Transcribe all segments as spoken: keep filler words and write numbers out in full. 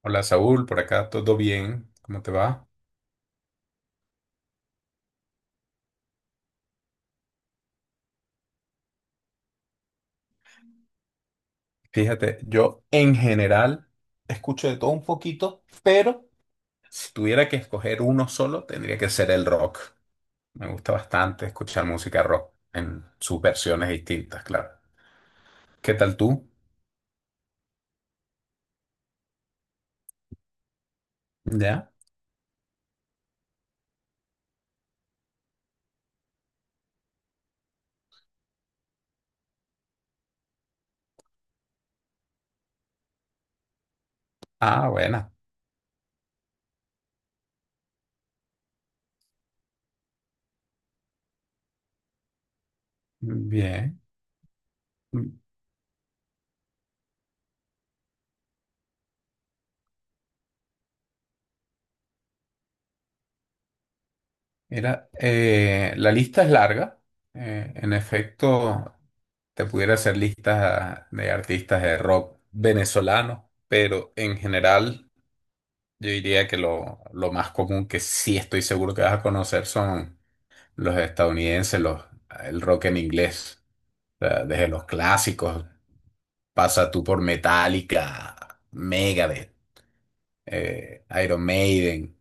Hola Saúl, por acá todo bien, ¿cómo te va? Fíjate, yo en general escucho de todo un poquito, pero si tuviera que escoger uno solo, tendría que ser el rock. Me gusta bastante escuchar música rock en sus versiones distintas, claro. ¿Qué tal tú? ¿Ya? Ah, buena. Bien. Mira, eh, la lista es larga. Eh, en efecto, te pudiera hacer listas de artistas de rock venezolanos, pero en general yo diría que lo, lo más común que sí estoy seguro que vas a conocer son los estadounidenses, los, el rock en inglés. O sea, desde los clásicos, pasa tú por Metallica, Megadeth, eh, Iron Maiden.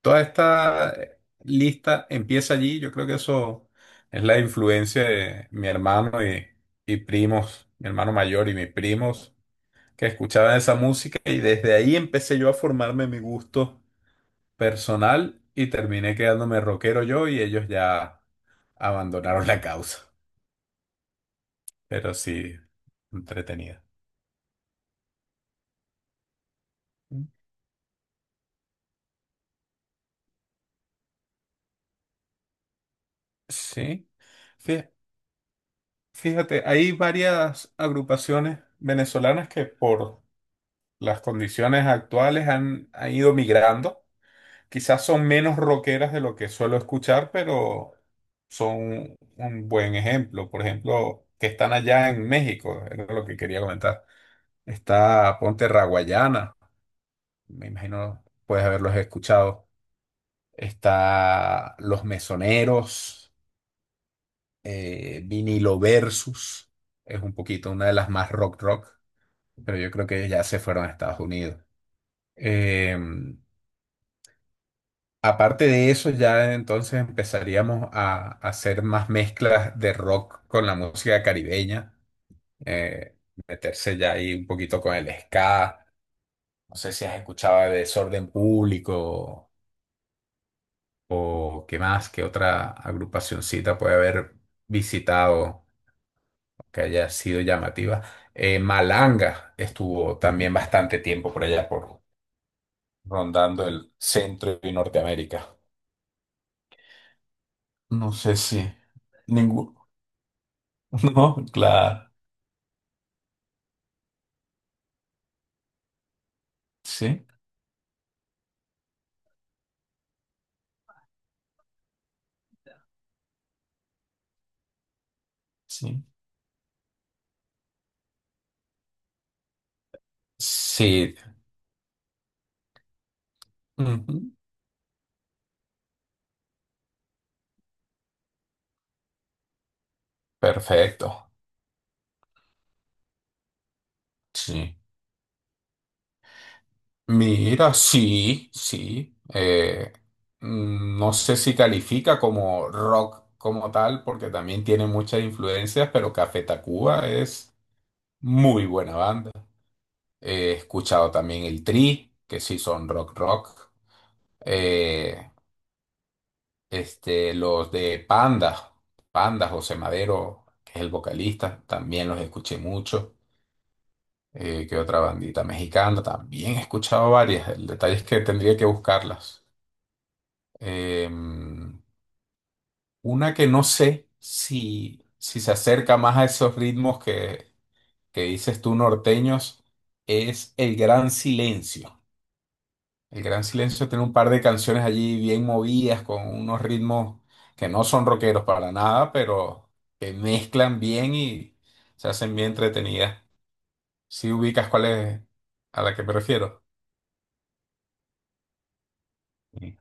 Toda esta eh, lista empieza allí. Yo creo que eso es la influencia de mi hermano y, y primos, mi hermano mayor y mis primos, que escuchaban esa música y desde ahí empecé yo a formarme mi gusto personal y terminé quedándome rockero yo y ellos ya abandonaron la causa. Pero sí, entretenida. Sí, Fí- fíjate, hay varias agrupaciones venezolanas que por las condiciones actuales han, han ido migrando. Quizás son menos rockeras de lo que suelo escuchar, pero son un buen ejemplo. Por ejemplo, que están allá en México, era lo que quería comentar. Está Ponte Raguayana, me imagino puedes haberlos escuchado. Está Los Mesoneros, eh, Vinilo Versus, es un poquito una de las más rock rock, pero yo creo que ya se fueron a Estados Unidos. Eh, Aparte de eso, ya entonces empezaríamos a, a hacer más mezclas de rock con la música caribeña, eh, meterse ya ahí un poquito con el ska. No sé si has escuchado de Desorden Público. ¿O qué más? ¿Qué otra agrupacioncita puede haber visitado que haya sido llamativa? Eh, Malanga estuvo también bastante tiempo por allá, por rondando el centro y Norteamérica. No sé si ninguno. No, claro. Sí, sí. Sí. Ujú. Perfecto. Sí. Mira, sí, sí. eh, mm, no sé si califica como rock como tal, porque también tiene muchas influencias, pero Café Tacuba es muy buena banda. He escuchado también el Tri, que sí son rock rock. Eh, este, los de Panda, Panda, José Madero, que es el vocalista, también los escuché mucho. Eh, que otra bandita mexicana, también he escuchado varias. El detalle es que tendría que buscarlas. Em, una que no sé si, si se acerca más a esos ritmos que, que dices tú norteños es El Gran Silencio. El Gran Silencio tiene un par de canciones allí bien movidas con unos ritmos que no son rockeros para nada, pero que mezclan bien y se hacen bien entretenidas. ¿Si ubicas cuál es a la que me refiero? Sí.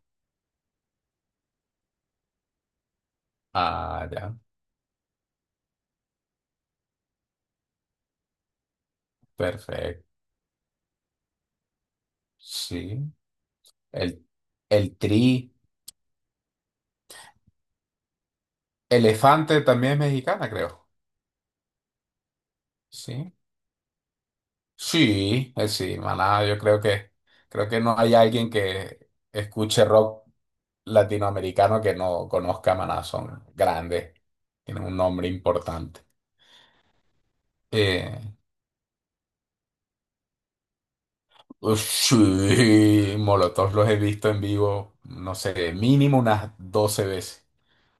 Ah, ya. Perfecto. Sí. El, el Tri. Elefante también es mexicana, creo. Sí. Sí, eh, sí, Maná, yo creo que creo que no hay alguien que escuche rock latinoamericano que no conozca a Maná, son grandes, tienen un nombre importante. Eh, Ush, sí, Molotov los he visto en vivo, no sé, mínimo unas doce veces.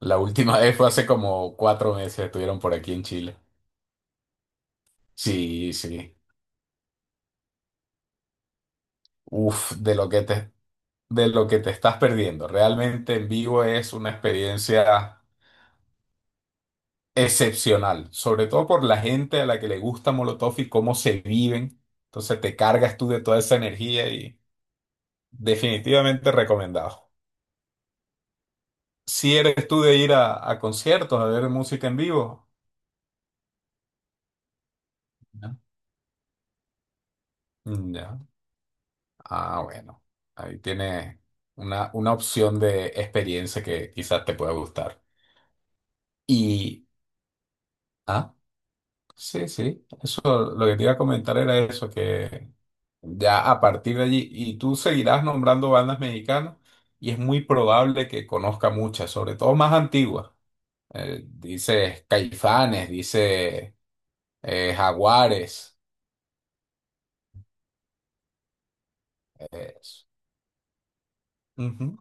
La última vez fue hace como cuatro meses, estuvieron por aquí en Chile. Sí, sí. Uf, de lo que te, de lo que te estás perdiendo. Realmente en vivo es una experiencia excepcional, sobre todo por la gente a la que le gusta Molotov y cómo se viven. Entonces te cargas tú de toda esa energía y definitivamente recomendado. Si eres tú de ir a, a conciertos, a ver música en vivo. ¿No? Mm, ya. Ah, bueno. Ahí tiene una, una opción de experiencia que quizás te pueda gustar. Y, ah, sí, sí. Eso, lo que te iba a comentar era eso, que ya a partir de allí, y tú seguirás nombrando bandas mexicanas, y es muy probable que conozca muchas, sobre todo más antiguas. Eh, dices Caifanes, dice eh, Jaguares. Eso. Ujú,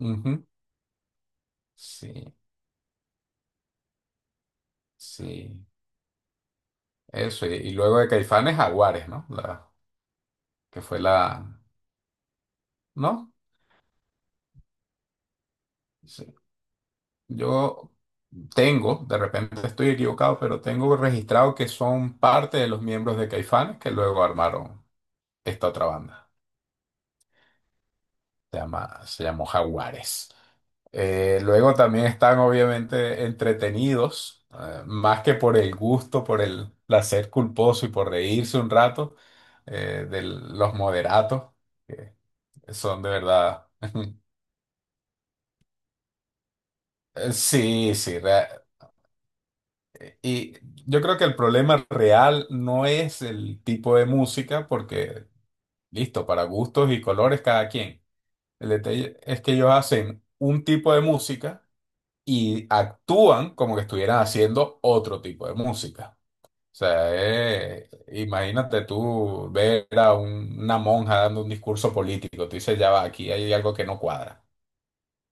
ujú. Sí, sí, eso. Y, y luego de Caifanes, Jaguares, ¿no? La, que fue la. ¿No? Sí. Yo tengo, de repente estoy equivocado, pero tengo registrado que son parte de los miembros de Caifanes que luego armaron esta otra banda. Se llama, se llamó Jaguares. Eh, luego también están obviamente entretenidos, eh, más que por el gusto, por el placer culposo y por reírse un rato, eh, de los moderatos, que son de verdad. Eh, Sí, sí. rea- Y yo creo que el problema real no es el tipo de música, porque listo, para gustos y colores cada quien. El detalle es que ellos hacen un tipo de música y actúan como que estuvieran haciendo otro tipo de música. O sea, eh, imagínate tú ver a un- una monja dando un discurso político, tú dices, ya va, aquí hay algo que no cuadra.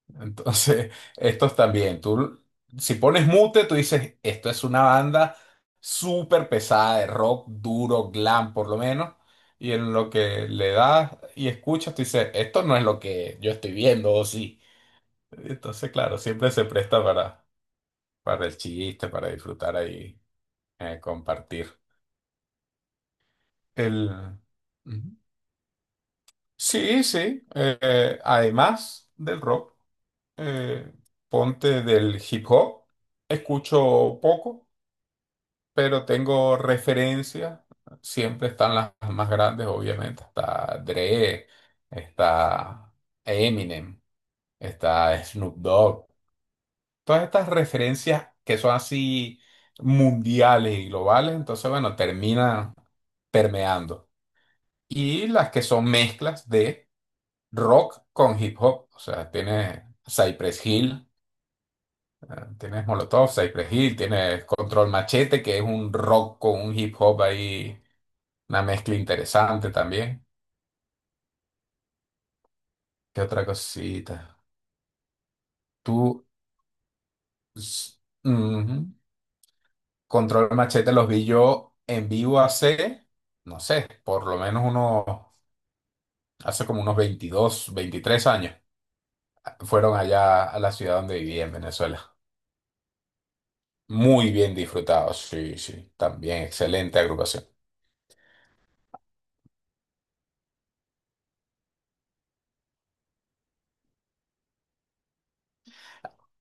Entonces, estos también, tú, si pones mute, tú dices, esto es una banda súper pesada de rock duro, glam por lo menos, y en lo que le das y escuchas, tú dices, esto no es lo que yo estoy viendo, o sí. Entonces, claro, siempre se presta para para el chiste, para disfrutar ahí, eh, compartir. El... Ujú. Sí, sí. eh, eh, además del rock, eh, ponte del hip hop. Escucho poco, pero tengo referencias. Siempre están las más grandes, obviamente. Está Dre, está Eminem, está Snoop Dogg. Todas estas referencias que son así mundiales y globales. Entonces, bueno, termina permeando. Y las que son mezclas de rock con hip hop. O sea, tienes Cypress Hill, eh, tienes Molotov, Cypress Hill, tienes Control Machete, que es un rock con un hip hop ahí, una mezcla interesante también. ¿Qué otra cosita? Tú, s- Ujú. Control Machete los vi yo en vivo hace, no sé, por lo menos unos, hace como unos veintidós, veintitrés años. Fueron allá a la ciudad donde vivía en Venezuela. Muy bien disfrutado, sí, sí. También excelente agrupación.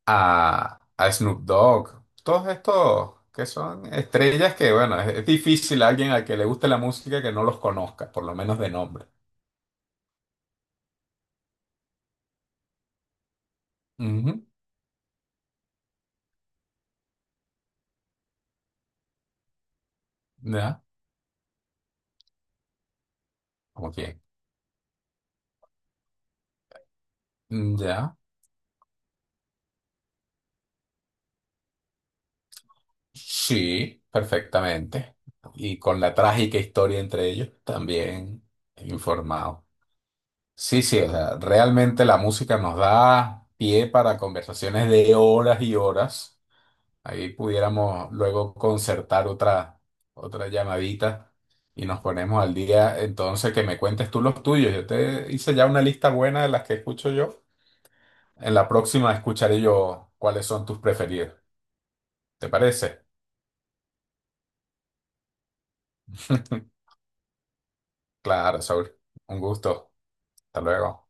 A, a Snoop Dogg, todos estos que son estrellas que, bueno, es, es difícil alguien al que le guste la música que no los conozca, por lo menos de nombre. Ujú, ya, como quién. Mm, ya, sí, perfectamente. Y con la trágica historia entre ellos, también informado. Sí, sí, o sea, realmente la música nos da pie para conversaciones de horas y horas. Ahí pudiéramos luego concertar otra, otra llamadita y nos ponemos al día. Entonces, que me cuentes tú los tuyos. Yo te hice ya una lista buena de las que escucho yo. En la próxima escucharé yo cuáles son tus preferidos. ¿Te parece? Claro, Saúl. Un gusto. Hasta luego.